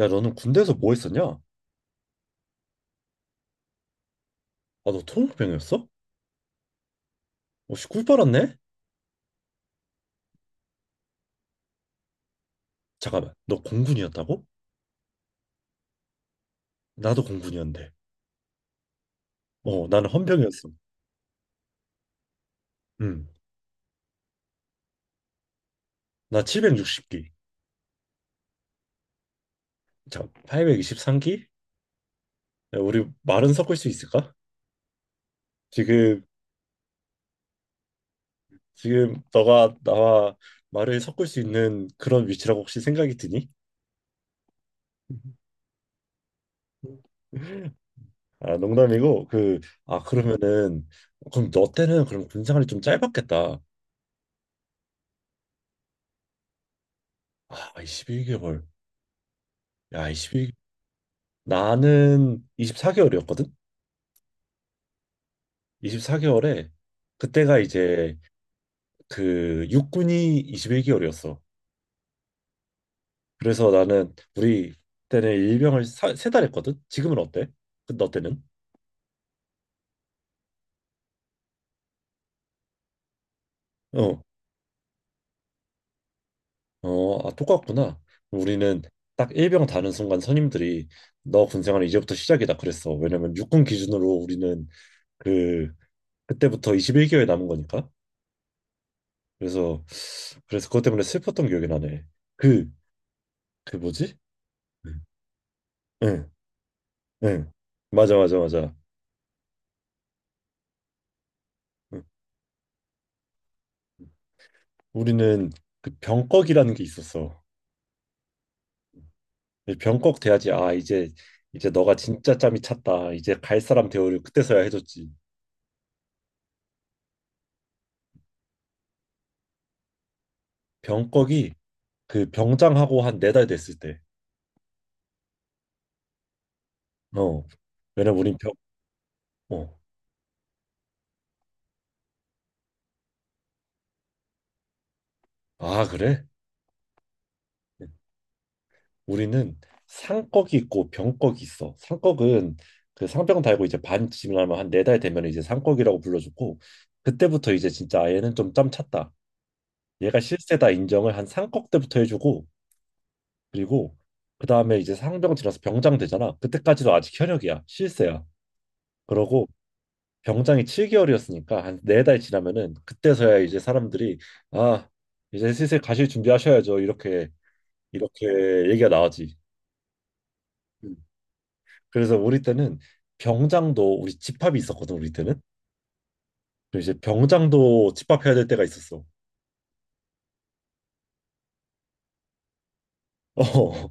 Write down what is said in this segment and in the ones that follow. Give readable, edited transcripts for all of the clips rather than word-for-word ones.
야, 너는 군대에서 뭐 했었냐? 아, 너 통병이었어? 어, 씨, 꿀 빨았네? 잠깐만, 너 공군이었다고? 나도 공군이었는데. 어, 나는 헌병이었어. 응, 나 760기. 자, 823기? 야, 우리 말은 섞을 수 있을까? 지금, 지금 너가 나와 말을 섞을 수 있는 그런 위치라고 혹시 생각이 드니? 아, 농담이고, 아, 그러면은, 그럼 너 때는 그럼 군 생활이 좀 짧았겠다. 아, 21개월. 야, 나는 24개월이었거든? 24개월에 그때가 이제 그 육군이 21개월이었어. 그래서 나는 우리 때는 일병을 사, 3달 했거든? 지금은 어때? 너 때는? 어, 어, 아, 똑같구나. 우리는 딱 일병 다는 순간 선임들이 너 군생활 이제부터 시작이다 그랬어. 왜냐면 육군 기준으로 우리는 그 그때부터 21개월 남은 거니까. 그래서 그래서 그것 때문에 슬펐던 기억이 나네. 그 그 뭐지? 응. 응. 네. 맞아, 맞아, 맞아. 응. 우리는 그 병꺽이라는 게 있었어. 이 병꺽 돼야지. 아, 이제 너가 진짜 짬이 찼다. 이제 갈 사람 대우를 그때서야 해줬지. 병꺽이 그 병장하고 한 4달 됐을 때. 어. 왜냐면 우린 병. 어. 아, 그래? 우리는 상꺽이 있고 병꺽이 있어. 상꺽은 그 상병 달고 이제 반 지나면 한 4달 되면 이제 상꺽이라고 불러주고 그때부터 이제 진짜 얘는 좀 짬 찼다. 얘가 실세다 인정을 한 상꺽 때부터 해주고 그리고 그 다음에 이제 상병 지나서 병장 되잖아. 그때까지도 아직 현역이야. 실세야. 그러고 병장이 7개월이었으니까 한 4달 지나면은 그때서야 이제 사람들이 아, 이제 슬슬 가실 준비하셔야죠. 이렇게 이렇게 얘기가 나오지. 음. 그래서 우리 때는 병장도 우리 집합이 있었거든. 우리 때는 그래서 이제 병장도 집합해야 될 때가 있었어. 어.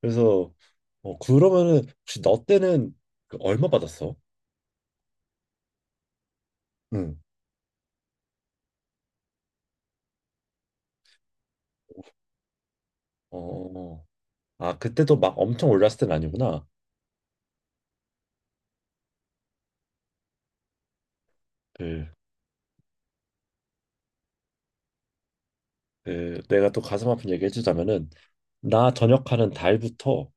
그래서 그러면은 혹시 너 때는 그 얼마 받았어? 응. 어, 아, 그때도 막 엄청 올랐을 땐 아니구나. 그, 내가 또 가슴 아픈 얘기 해주자면은, 나 전역하는 달부터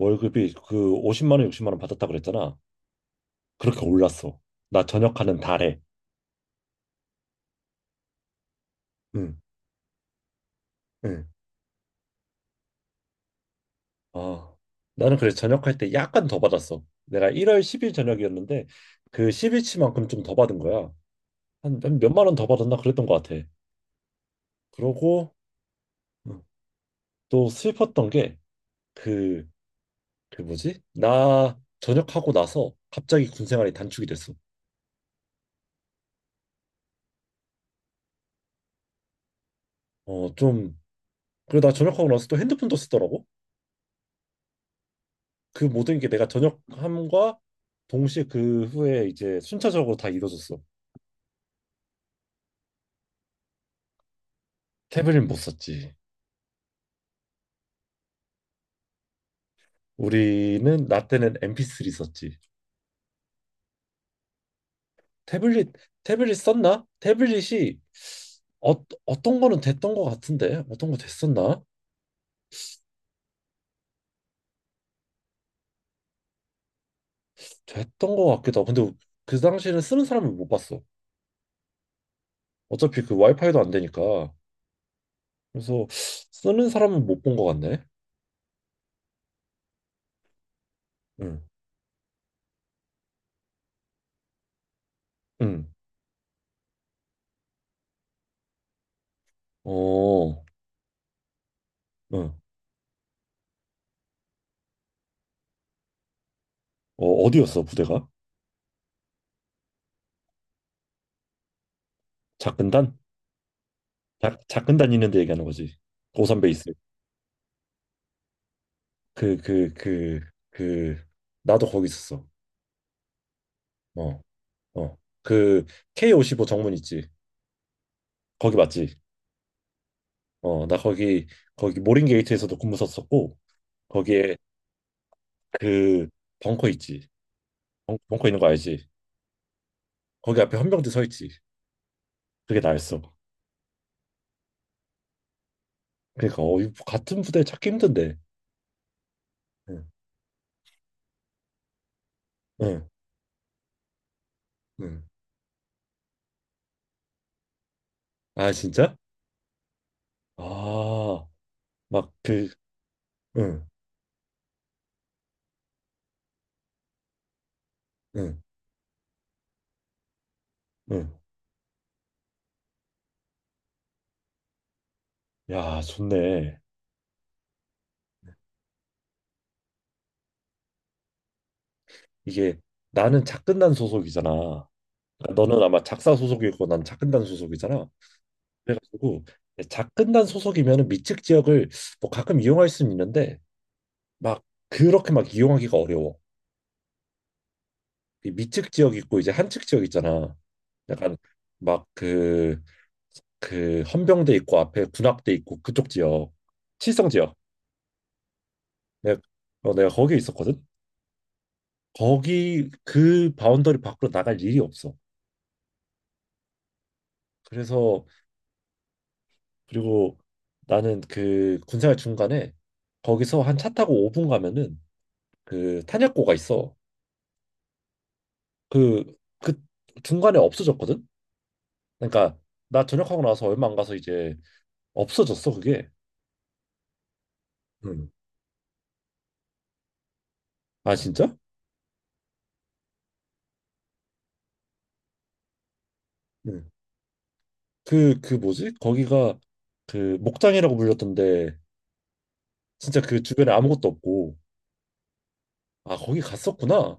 월급이 그 50만 원, 60만 원 받았다 그랬잖아. 그렇게 올랐어. 나 전역하는 달에. 응, 응. 아, 나는 그래서 전역할 때 약간 더 받았어. 내가 1월 10일 전역이었는데, 그 10일치만큼 좀 더 받은 거야. 한 몇만 원 더 받았나 그랬던 것 같아. 그러고, 응. 또 슬펐던 게, 그 그 뭐지? 나 전역하고 나서 갑자기 군 생활이 단축이 됐어. 좀 그리고 나 전역하고 나서 또 핸드폰도 쓰더라고. 그 모든 게 내가 전역함과 동시에 그 후에 이제 순차적으로 다 이루어졌어. 태블릿 못 썼지. 우리는 나 때는 MP3 썼지. 태블릿 태블릿 썼나? 태블릿이 어, 어떤 거는 됐던 거 같은데 어떤 거 됐었나? 됐던 거 같기도 하고 근데 그 당시에는 쓰는 사람을 못 봤어. 어차피 그 와이파이도 안 되니까 그래서 쓰는 사람은 못 본 것 같네. 응, 응, 어, 응. 어, 어디였어 부대가? 작근단? 작 작근단 있는데 얘기하는 거지. 고산 베이스. 그, 그, 그, 그, 나도 거기 있었어. 어, 어. 그 K55 정문 있지. 거기 맞지? 어, 나 거기 모린 게이트에서도 근무 썼었고 거기에 그 벙커 있지. 벙커 있는 거 알지? 거기 앞에 헌병대 서 있지. 그게 나였어. 그러니까 이 같은 부대 찾기 힘든데. 응. 응. 응. 아, 진짜? 아, 막 그, 응, 응, 응. 야, 좋네. 이게 나는 작근단 소속이잖아. 그러니까 너는 아마 작사 소속이고 난 작근단 소속이잖아. 그래가지고 작근단 소속이면은 미측 지역을 뭐 가끔 이용할 수는 있는데 막 그렇게 막 이용하기가 어려워. 이 미측 지역 있고 이제 한측 지역 있잖아. 약간 막 그 헌병대 있고 앞에 군악대 있고 그쪽 지역, 칠성 지역. 내가 내가 거기 있었거든. 거기 그 바운더리 밖으로 나갈 일이 없어. 그래서 그리고 나는 그 군생활 중간에 거기서 한 차 타고 5분 가면은 그 탄약고가 있어. 그 중간에 없어졌거든. 그러니까 나 전역하고 나서 얼마 안 가서 이제 없어졌어 그게. 응. 아, 진짜? 응. 그 뭐지? 거기가 그 목장이라고 불렸던데 진짜 그 주변에 아무것도 없고 아, 거기 갔었구나.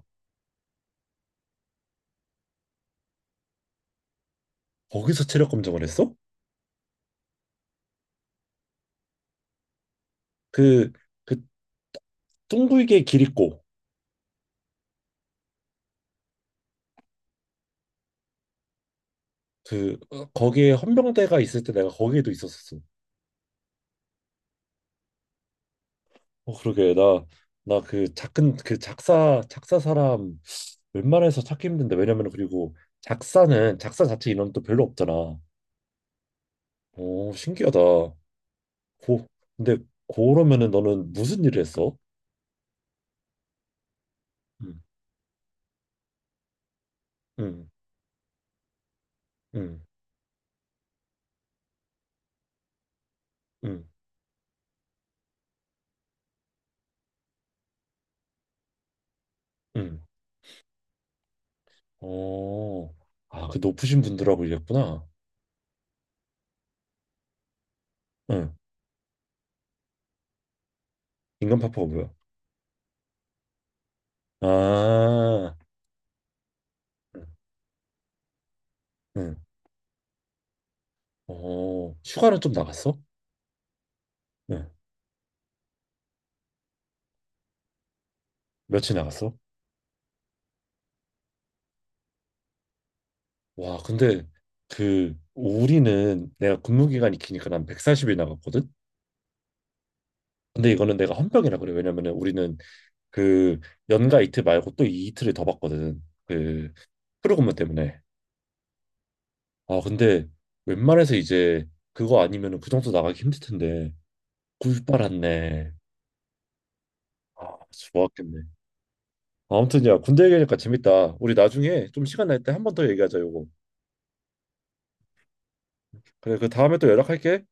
거기서 체력 검정을 했어? 그그 둥글게 길 있고 거기에 헌병대가 있을 때 내가 거기에도 있었었어. 어, 그러게. 나 그 작은 그 작사 작사 사람 웬만해서 찾기 힘든데, 왜냐면 그리고 작사는 작사 자체 인원도 별로 없잖아. 오, 신기하다. 고 근데 그러면은 너는 무슨 일을 했어? 응. 응. 응. 응. 응. 어, 아, 그 높으신 분들하고 일했구나. 응, 인간 파파가 뭐야? 아, 응, 응. 어, 휴가는 좀 나갔어? 네. 며칠 나갔어? 와, 근데 그 우리는 내가 근무 기간이 기니까 난 140일 나갔거든. 근데 이거는 내가 헌병이라 그래. 왜냐면은 우리는 그 연가 이틀 말고 또 이 이틀을 더 받거든. 그 프로그램 때문에. 아, 근데 웬만해서 이제 그거 아니면은 그 정도 나가기 힘들 텐데. 꿀빨았네. 아, 좋았겠네. 아무튼 야, 군대 얘기하니까 재밌다. 우리 나중에 좀 시간 날 때 한 번 더 얘기하자, 요거. 그래, 그 다음에 또 연락할게.